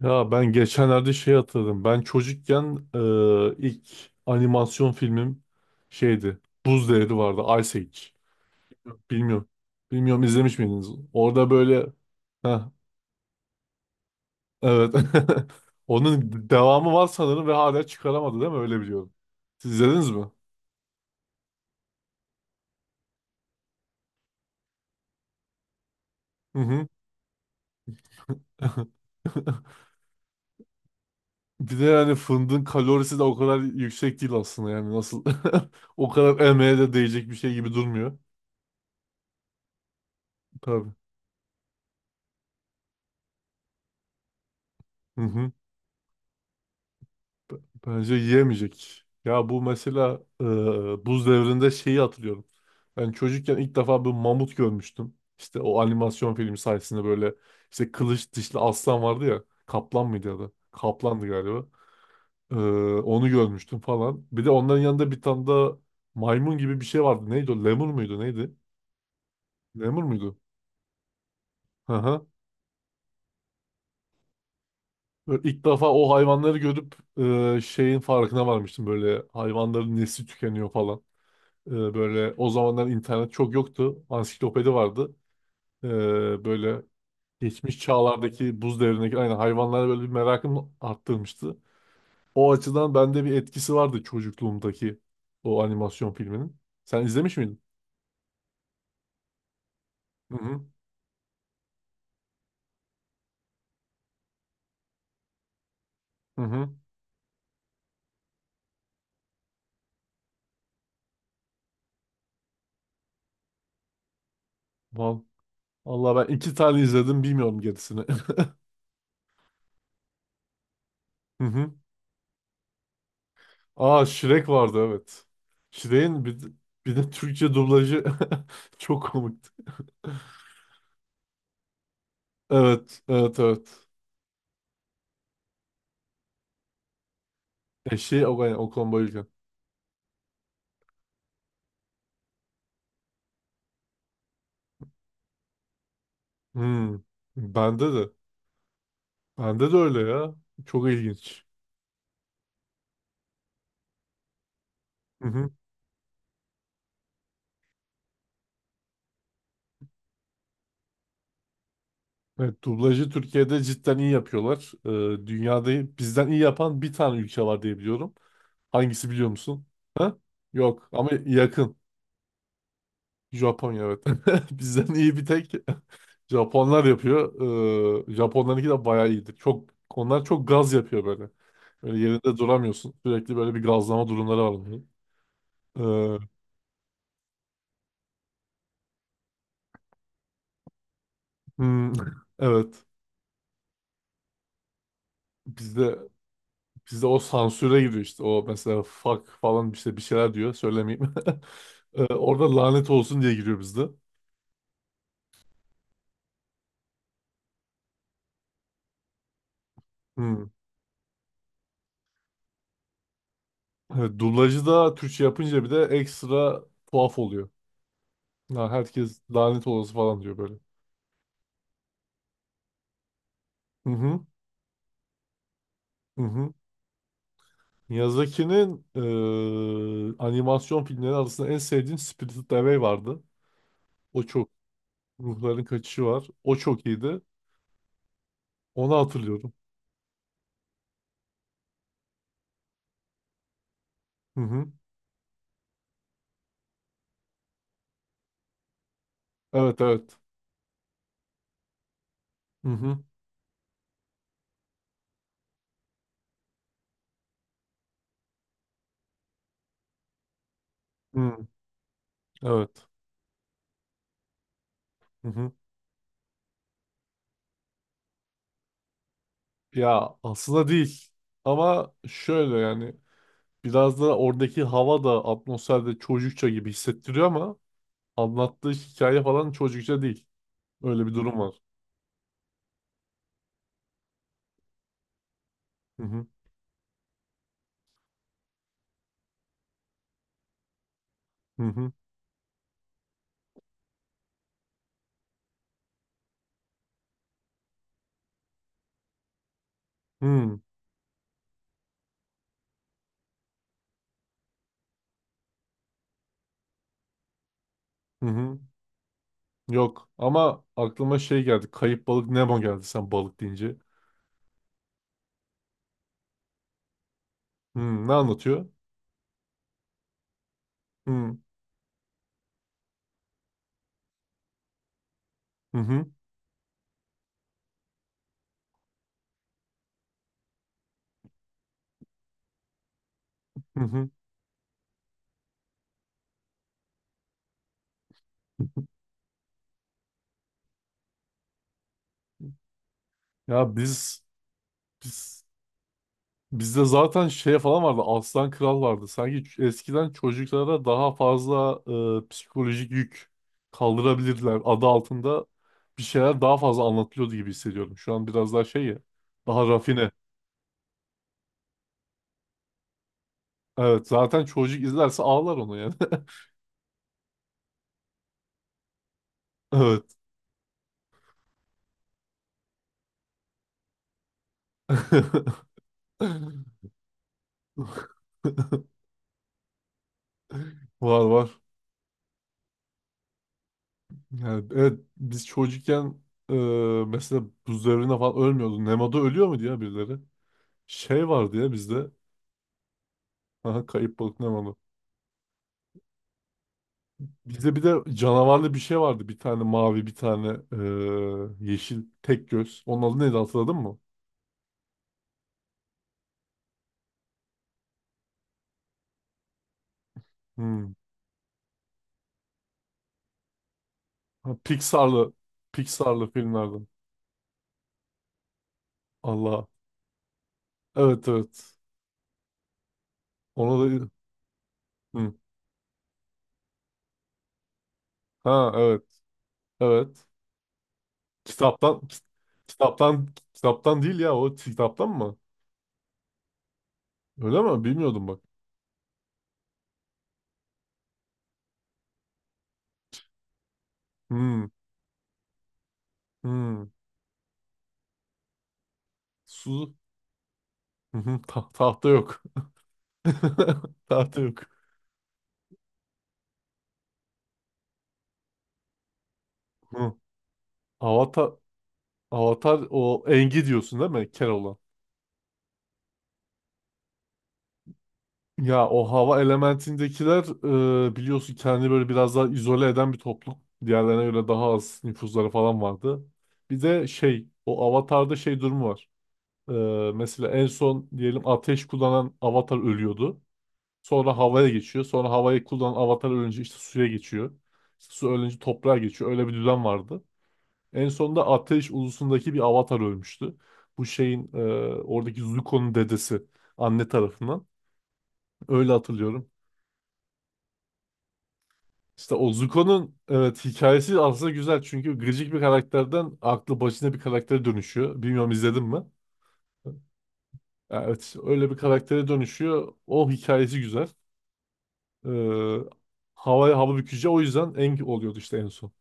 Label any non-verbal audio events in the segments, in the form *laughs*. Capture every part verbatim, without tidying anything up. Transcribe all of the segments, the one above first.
Ya ben geçenlerde şey hatırladım. Ben çocukken e, ilk animasyon filmim şeydi. Buz Devri vardı. Ice Age. Yok, bilmiyorum. Bilmiyorum, izlemiş miydiniz? Orada böyle. Heh, evet. *laughs* Onun devamı var sanırım ve hala çıkaramadı değil mi? Öyle biliyorum. Siz izlediniz mi? Hı hı. *laughs* Bir de yani fındığın kalorisi de o kadar yüksek değil aslında, yani nasıl *laughs* o kadar emeğe de değecek bir şey gibi durmuyor. Tabii. Hı hı. B- Bence yiyemeyecek. Ya bu mesela e, buz devrinde şeyi hatırlıyorum. Ben çocukken ilk defa bir mamut görmüştüm. İşte o animasyon filmi sayesinde böyle, işte kılıç dişli aslan vardı ya. Kaplan mıydı ya da? Kaplandı galiba. E, onu görmüştüm falan. Bir de onların yanında bir tane da maymun gibi bir şey vardı. Neydi o? Lemur muydu? Neydi? Lemur muydu? Hı hı. Böyle ilk defa o hayvanları görüp e, şeyin farkına varmıştım. Böyle hayvanların nesli tükeniyor falan. Ee, Böyle o zamanlar internet çok yoktu. Ansiklopedi vardı. Ee, Böyle geçmiş çağlardaki buz devrindeki aynı hayvanlara böyle bir merakım arttırmıştı. O açıdan bende bir etkisi vardı çocukluğumdaki o animasyon filminin. Sen izlemiş miydin? Hı hı. Hı hı. Val- Vallahi ben iki tane izledim, bilmiyorum gerisini. *laughs* Hı hı. Aa, Shrek vardı evet. Shrek'in bir, bir de Türkçe dublajı *laughs* çok komikti. Evet, evet, evet. Eşi o, yani, Okan Bayülgen. Hmm. Bende de. Bende de öyle ya. Çok ilginç. Hı hı. Evet, dublajı Türkiye'de cidden iyi yapıyorlar. Ee, dünyada bizden iyi yapan bir tane ülke var diye biliyorum. Hangisi biliyor musun? Ha? Yok ama yakın. Japonya evet. *laughs* Bizden iyi bir tek *laughs* Japonlar yapıyor. Ee, Japonlarınki de bayağı iyidir. Çok, onlar çok gaz yapıyor böyle. Böyle yerinde duramıyorsun. Sürekli böyle bir gazlama durumları var onların. Ee, hmm, *laughs* evet. Bizde Bizde o sansüre giriyor işte. O mesela fuck falan işte bir şeyler diyor. Söylemeyeyim. *laughs* Ee, Orada lanet olsun diye giriyor bizde. Hmm. Evet, dublajı da Türkçe yapınca bir de ekstra tuhaf oluyor. Ha, herkes lanet olası falan diyor böyle. Hı hı. Hı hı. Miyazaki'nin eee, animasyon filmleri arasında en sevdiğim Spirited Away vardı. O çok. Ruhların Kaçışı var. O çok iyiydi. Onu hatırlıyorum. Hı hı. Evet evet. Hı hı. Hı. Evet. Hı hı. Ya aslında değil. Ama şöyle yani, biraz da oradaki hava da atmosferde çocukça gibi hissettiriyor ama anlattığı hikaye falan çocukça değil. Öyle bir durum var. Hı hı hı hı hı hı. Hı. Yok ama aklıma şey geldi. Kayıp balık Nemo geldi sen balık deyince. Hı, ne anlatıyor? Hı hı hı hı. Hı. Ya biz biz Bizde zaten şey falan vardı. Aslan Kral vardı. Sanki ç- eskiden çocuklara daha fazla e, psikolojik yük kaldırabilirler adı altında bir şeyler daha fazla anlatılıyordu gibi hissediyorum. Şu an biraz daha şey ya. Daha rafine. Evet. Zaten çocuk izlerse ağlar onu yani. *laughs* Evet. *laughs* Var var. Yani evet biz çocukken, e, mesela buz devrinde falan ölmüyordu. Nemo'da ölüyor muydu ya birileri? Şey vardı ya bizde. Aha, kayıp balık Nemo'da. Bize bir de canavarlı bir şey vardı. Bir tane mavi, bir tane eee, yeşil, tek göz. Onun adı neydi, hatırladın mı? Hmm. Ha, Pixar'lı, Pixar'lı filmlerden. Allah. Evet, evet. Ona da... Hmm. Ha, evet, evet. Kitaptan, ki- kitaptan, kitaptan değil ya, o kitaptan mı? Öyle mi? Bilmiyordum bak. Hmm. Hmm. Su... Hı hı, ta- tahta yok. *laughs* Tahta yok. Hı. Avatar... Avatar o Engi diyorsun değil mi? Keloğlan. Ya o hava elementindekiler, e, biliyorsun, kendini böyle biraz daha izole eden bir toplum. Diğerlerine göre daha az nüfuzları falan vardı. Bir de şey, o avatarda şey durumu var. E, mesela en son diyelim ateş kullanan avatar ölüyordu. Sonra havaya geçiyor. Sonra havayı kullanan avatar ölünce işte suya geçiyor. İşte su ölünce toprağa geçiyor. Öyle bir düzen vardı. En sonunda ateş ulusundaki bir avatar ölmüştü. Bu şeyin, e, oradaki Zuko'nun dedesi anne tarafından. Öyle hatırlıyorum. İşte o Zuko'nun evet hikayesi aslında güzel, çünkü gıcık bir karakterden aklı başına bir karaktere dönüşüyor. Bilmiyorum, izledin mi? Evet, işte öyle bir karaktere dönüşüyor. O hikayesi güzel. Ee, havaya hava bükücü o yüzden Eng oluyordu işte en son.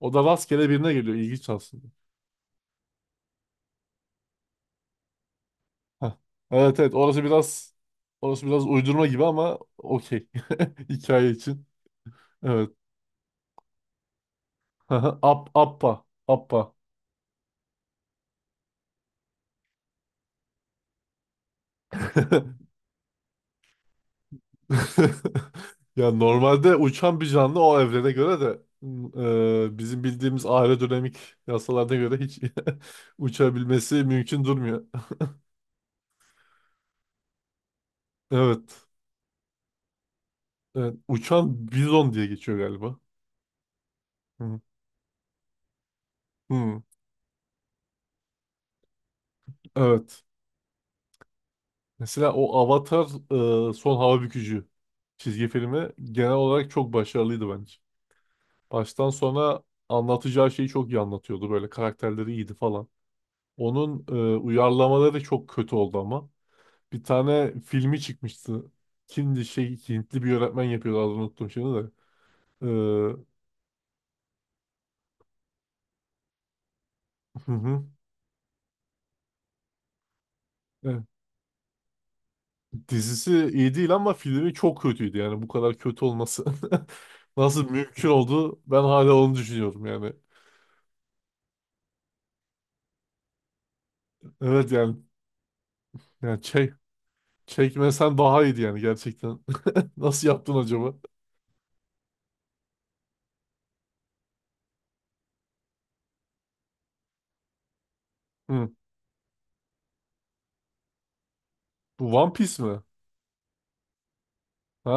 O da rastgele birine geliyor. İlginç aslında. Heh. Evet evet, orası biraz orası biraz uydurma gibi ama okey. *laughs* Hikaye için. Evet. *laughs* Ap, Appa. Appa. *laughs* *laughs* Ya normalde uçan bir canlı o evrene göre de, e, bizim bildiğimiz aerodinamik yasalarına göre hiç *laughs* uçabilmesi mümkün durmuyor. Evet. Evet. Uçan bizon diye geçiyor galiba. Hı. Hı. Evet. Mesela o Avatar, e, Son Hava Bükücü çizgi filmi genel olarak çok başarılıydı bence. Baştan sona anlatacağı şeyi çok iyi anlatıyordu. Böyle karakterleri iyiydi falan. Onun e, uyarlamaları çok kötü oldu ama. Bir tane filmi çıkmıştı. Kimdi şey, Hintli bir yönetmen yapıyordu, adını unuttum şimdi de. Ee, hı hı. Evet. Dizisi iyi değil ama filmi çok kötüydü, yani bu kadar kötü olması. *laughs* Nasıl mümkün oldu? Ben hala onu düşünüyorum yani. Evet yani, yani çek çekmesen daha iyiydi yani gerçekten. *laughs* Nasıl yaptın acaba? Hı. Bu One Piece mi? Ha,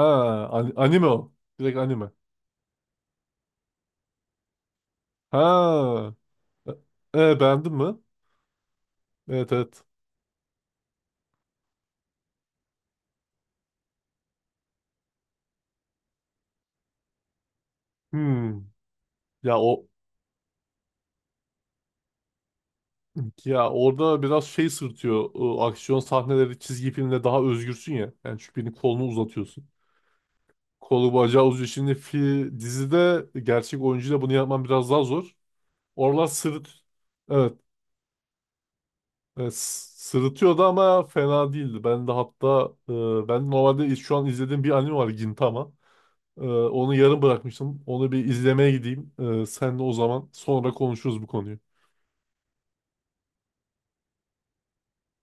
an- anime o. Direkt anime. Ha. E, e, beğendin mi? Evet evet. Hmm. Ya o Ya orada biraz şey sırtıyor. O aksiyon sahneleri çizgi filmde daha özgürsün ya. Yani çünkü birinin kolunu uzatıyorsun. Kolu bacağı uzuyor. Şimdi fi, dizide gerçek oyuncuyla bunu yapman biraz daha zor. Oralar sırıt. Evet. Evet, s- sırıtıyordu ama fena değildi. Ben de hatta e, ben normalde iz- şu an izlediğim bir anime var, Gintama. E, onu yarım bırakmıştım. Onu bir izlemeye gideyim. E, sen de o zaman sonra konuşuruz bu konuyu.